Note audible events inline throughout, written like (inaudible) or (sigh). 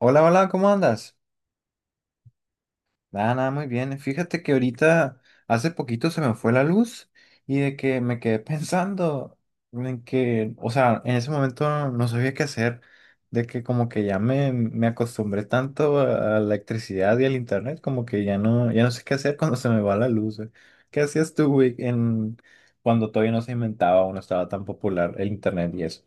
Hola, hola, ¿cómo andas? Nada, nada, muy bien. Fíjate que ahorita hace poquito se me fue la luz y de que me quedé (laughs) pensando en que, o sea, en ese momento no sabía qué hacer, de que como que ya me acostumbré tanto a la electricidad y al internet, como que ya no, ya no sé qué hacer (laughs) cuando se me va la luz, güey. ¿Qué hacías tú, güey, en cuando todavía no se inventaba o no estaba tan popular el internet y eso?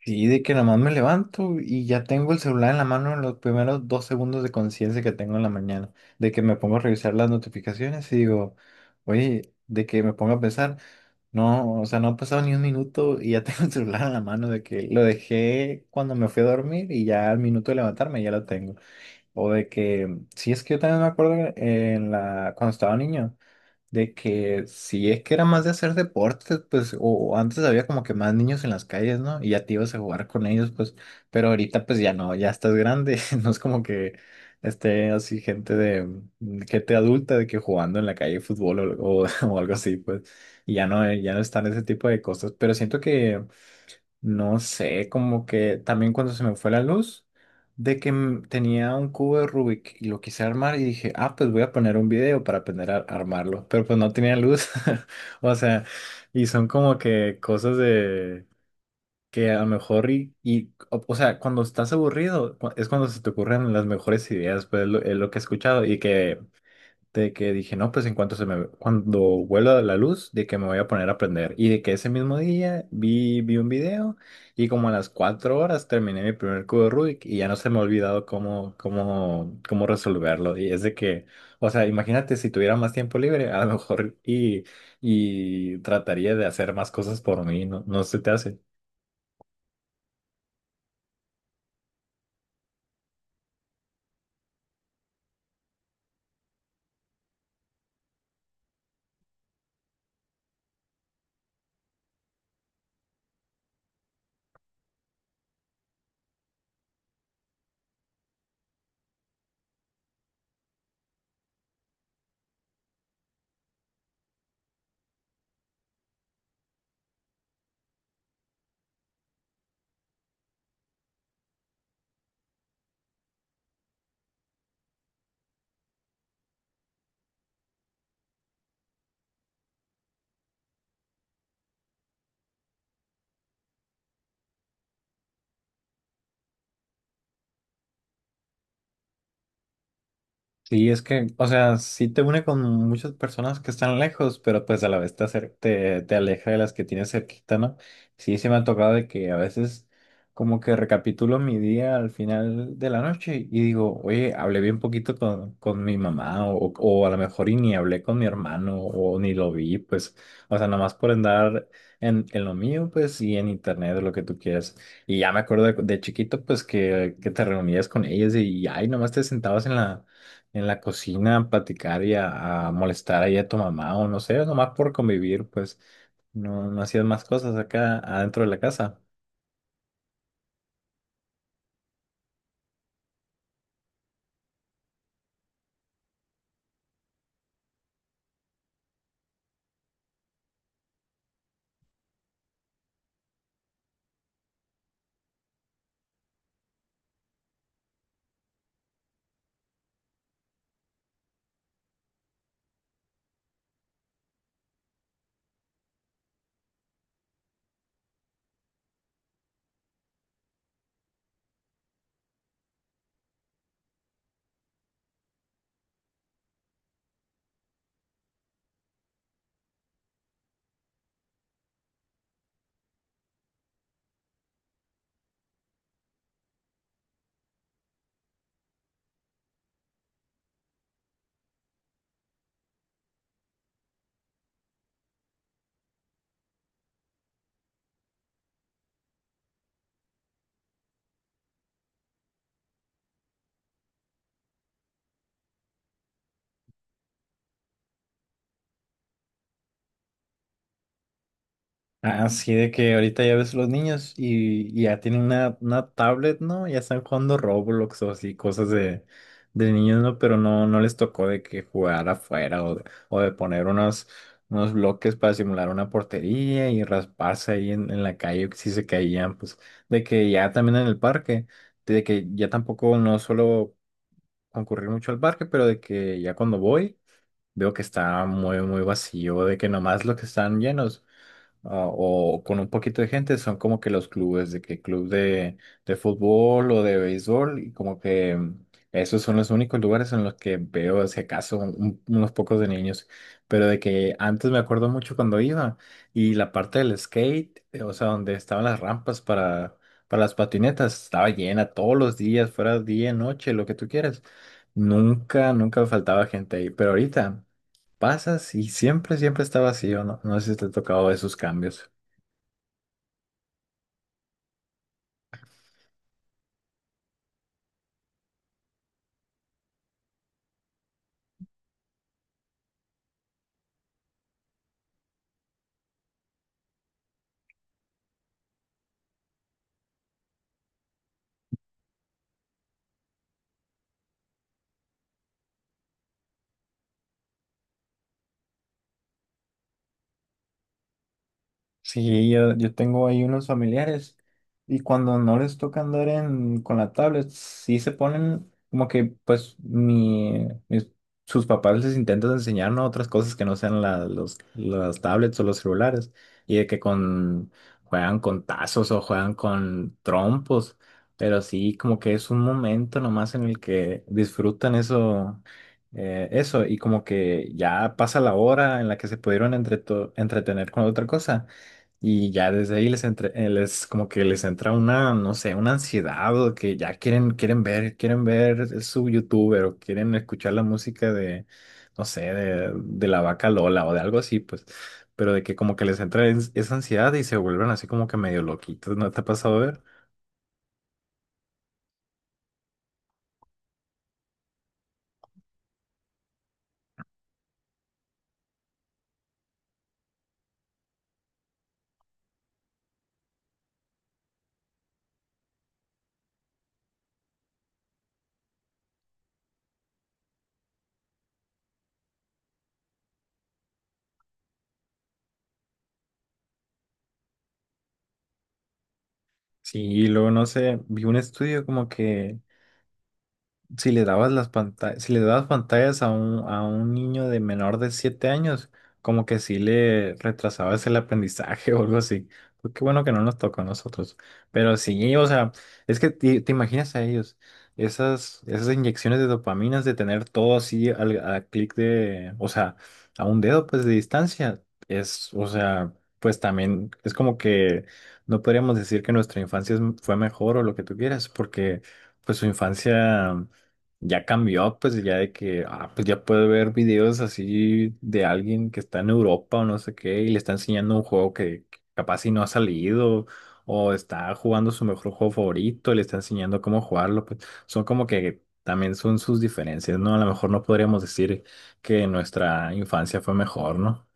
Sí, de que nomás me levanto y ya tengo el celular en la mano en los primeros 2 segundos de conciencia que tengo en la mañana. De que me pongo a revisar las notificaciones y digo, oye, de que me pongo a pensar, no, o sea, no ha pasado ni un minuto y ya (laughs) tengo el celular en la mano, de que lo dejé cuando me fui a dormir y ya al minuto de levantarme ya lo tengo. O de que, sí, es que yo también me acuerdo cuando estaba niño de que si es que era más de hacer deportes, pues, o antes había como que más niños en las calles, ¿no? Y ya te ibas a jugar con ellos, pues, pero ahorita pues ya no, ya estás grande, (laughs) no es como que esté así gente de gente adulta de que jugando en la calle fútbol (laughs) o algo así, pues, y ya no, ya no están ese tipo de cosas, pero siento que no sé, como que también cuando se me fue la luz, de que tenía un cubo de Rubik y lo quise armar y dije, ah, pues voy a poner un video para aprender a armarlo, pero pues no tenía luz. (laughs) O sea, y son como que cosas de que a lo mejor o sea, cuando estás aburrido es cuando se te ocurren las mejores ideas, pues es lo que he escuchado y que de que dije, no, pues en cuanto se me, cuando vuelva la luz, de que me voy a poner a aprender. Y de que ese mismo día vi un video y como a las 4 horas terminé mi primer cubo de Rubik y ya no se me ha olvidado cómo resolverlo. Y es de que, o sea, imagínate si tuviera más tiempo libre, a lo mejor y trataría de hacer más cosas por mí, ¿no? ¿No se te hace? Sí, es que, o sea, sí te une con muchas personas que están lejos, pero pues a la vez te aleja de las que tienes cerquita, ¿no? Sí, se me ha tocado de que a veces como que recapitulo mi día al final de la noche y digo, oye, hablé bien poquito con mi mamá o a lo mejor y ni hablé con mi hermano o ni lo vi, pues, o sea, nada más por andar en lo mío, pues, y en internet o lo que tú quieras. Y ya me acuerdo de chiquito, pues, que te reunías con ellos y, ay, nomás te sentabas en la cocina a platicar a molestar ahí a tu mamá o no sé, nomás por convivir, pues no, no hacías más cosas acá adentro de la casa. Así de que ahorita ya ves los niños y ya tienen una tablet, ¿no? Ya están jugando Roblox o así, cosas de niños, ¿no? Pero no, no les tocó de que jugar afuera o de poner unos, unos bloques para simular una portería y rasparse ahí en la calle si se caían, pues de que ya también en el parque, de que ya tampoco no suelo concurrir mucho al parque, pero de que ya cuando voy veo que está muy, muy vacío, de que nomás los que están llenos ah, o con un poquito de gente son como que los clubes, de que club de fútbol o de béisbol, y como que mm, esos son los únicos lugares en los que veo, si acaso, unos pocos de niños, pero de que antes me acuerdo mucho cuando iba y la parte del skate, o sea, donde estaban las rampas para las patinetas, estaba llena todos los días, fuera día, noche, lo que tú quieras. Nunca, nunca faltaba gente ahí, pero ahorita pasas y siempre, siempre está vacío, ¿no? No sé si te ha tocado esos cambios. Sí, yo tengo ahí unos familiares y cuando no les toca andar con la tablet, sí se ponen como que pues sus papás les intentan enseñar ¿no? otras cosas que no sean las tablets o los celulares y de que con, juegan con tazos o juegan con trompos, pero sí como que es un momento nomás en el que disfrutan eso. Eh, eso, y como que ya pasa la hora en la que se pudieron entretener con otra cosa. Y ya desde ahí les entre les como que les entra una, no sé, una ansiedad o que ya quieren, quieren ver su youtuber o quieren escuchar la música de, no sé, de la vaca Lola o de algo así, pues, pero de que como que esa ansiedad y se vuelven así como que medio loquitos, ¿no te ha pasado a ver? Sí, y luego no sé, vi un estudio como que si le dabas las pantallas, si le dabas pantallas a a un niño de menor de 7 años, como que sí le retrasabas el aprendizaje (laughs) o algo así. Pues qué bueno que no nos tocó a nosotros. Pero sí, o sea, es que te imaginas a ellos, esas inyecciones de dopaminas de tener todo así a clic de, o sea, a un dedo pues de distancia, es, o sea, pues también es como que no podríamos decir que nuestra infancia fue mejor o lo que tú quieras, porque pues su infancia ya cambió, pues ya de que, ah, pues ya puede ver videos así de alguien que está en Europa o no sé qué y le está enseñando un juego que capaz si no ha salido o está jugando su mejor juego favorito y le está enseñando cómo jugarlo, pues son como que también son sus diferencias, ¿no? A lo mejor no podríamos decir que nuestra infancia fue mejor, ¿no?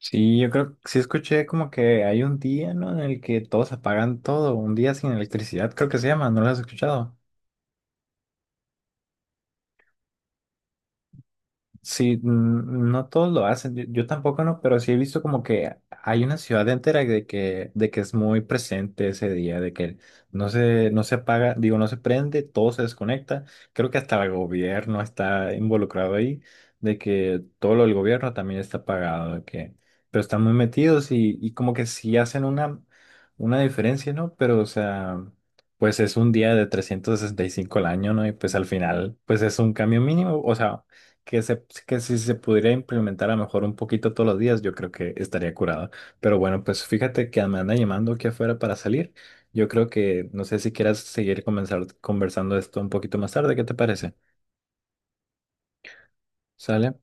Sí, yo creo que sí escuché como que hay un día, ¿no? En el que todos apagan todo, un día sin electricidad, creo que se llama, ¿no lo has escuchado? Sí, mm, no todos lo hacen, yo tampoco no, pero sí he visto como que hay una ciudad entera de que es muy presente ese día, de que no se apaga, digo, no se prende, todo se desconecta. Creo que hasta el gobierno está involucrado ahí, de que todo lo del gobierno también está apagado, de que, pero están muy metidos y como que sí hacen una diferencia, ¿no? Pero, o sea, pues es un día de 365 al año, ¿no? Y pues al final, pues es un cambio mínimo, o sea que si se pudiera implementar a lo mejor un poquito todos los días, yo creo que estaría curado. Pero bueno, pues fíjate que me anda llamando aquí afuera para salir. Yo creo que no sé si quieras seguir comenzar, conversando esto un poquito más tarde, ¿qué te parece? ¿Sale?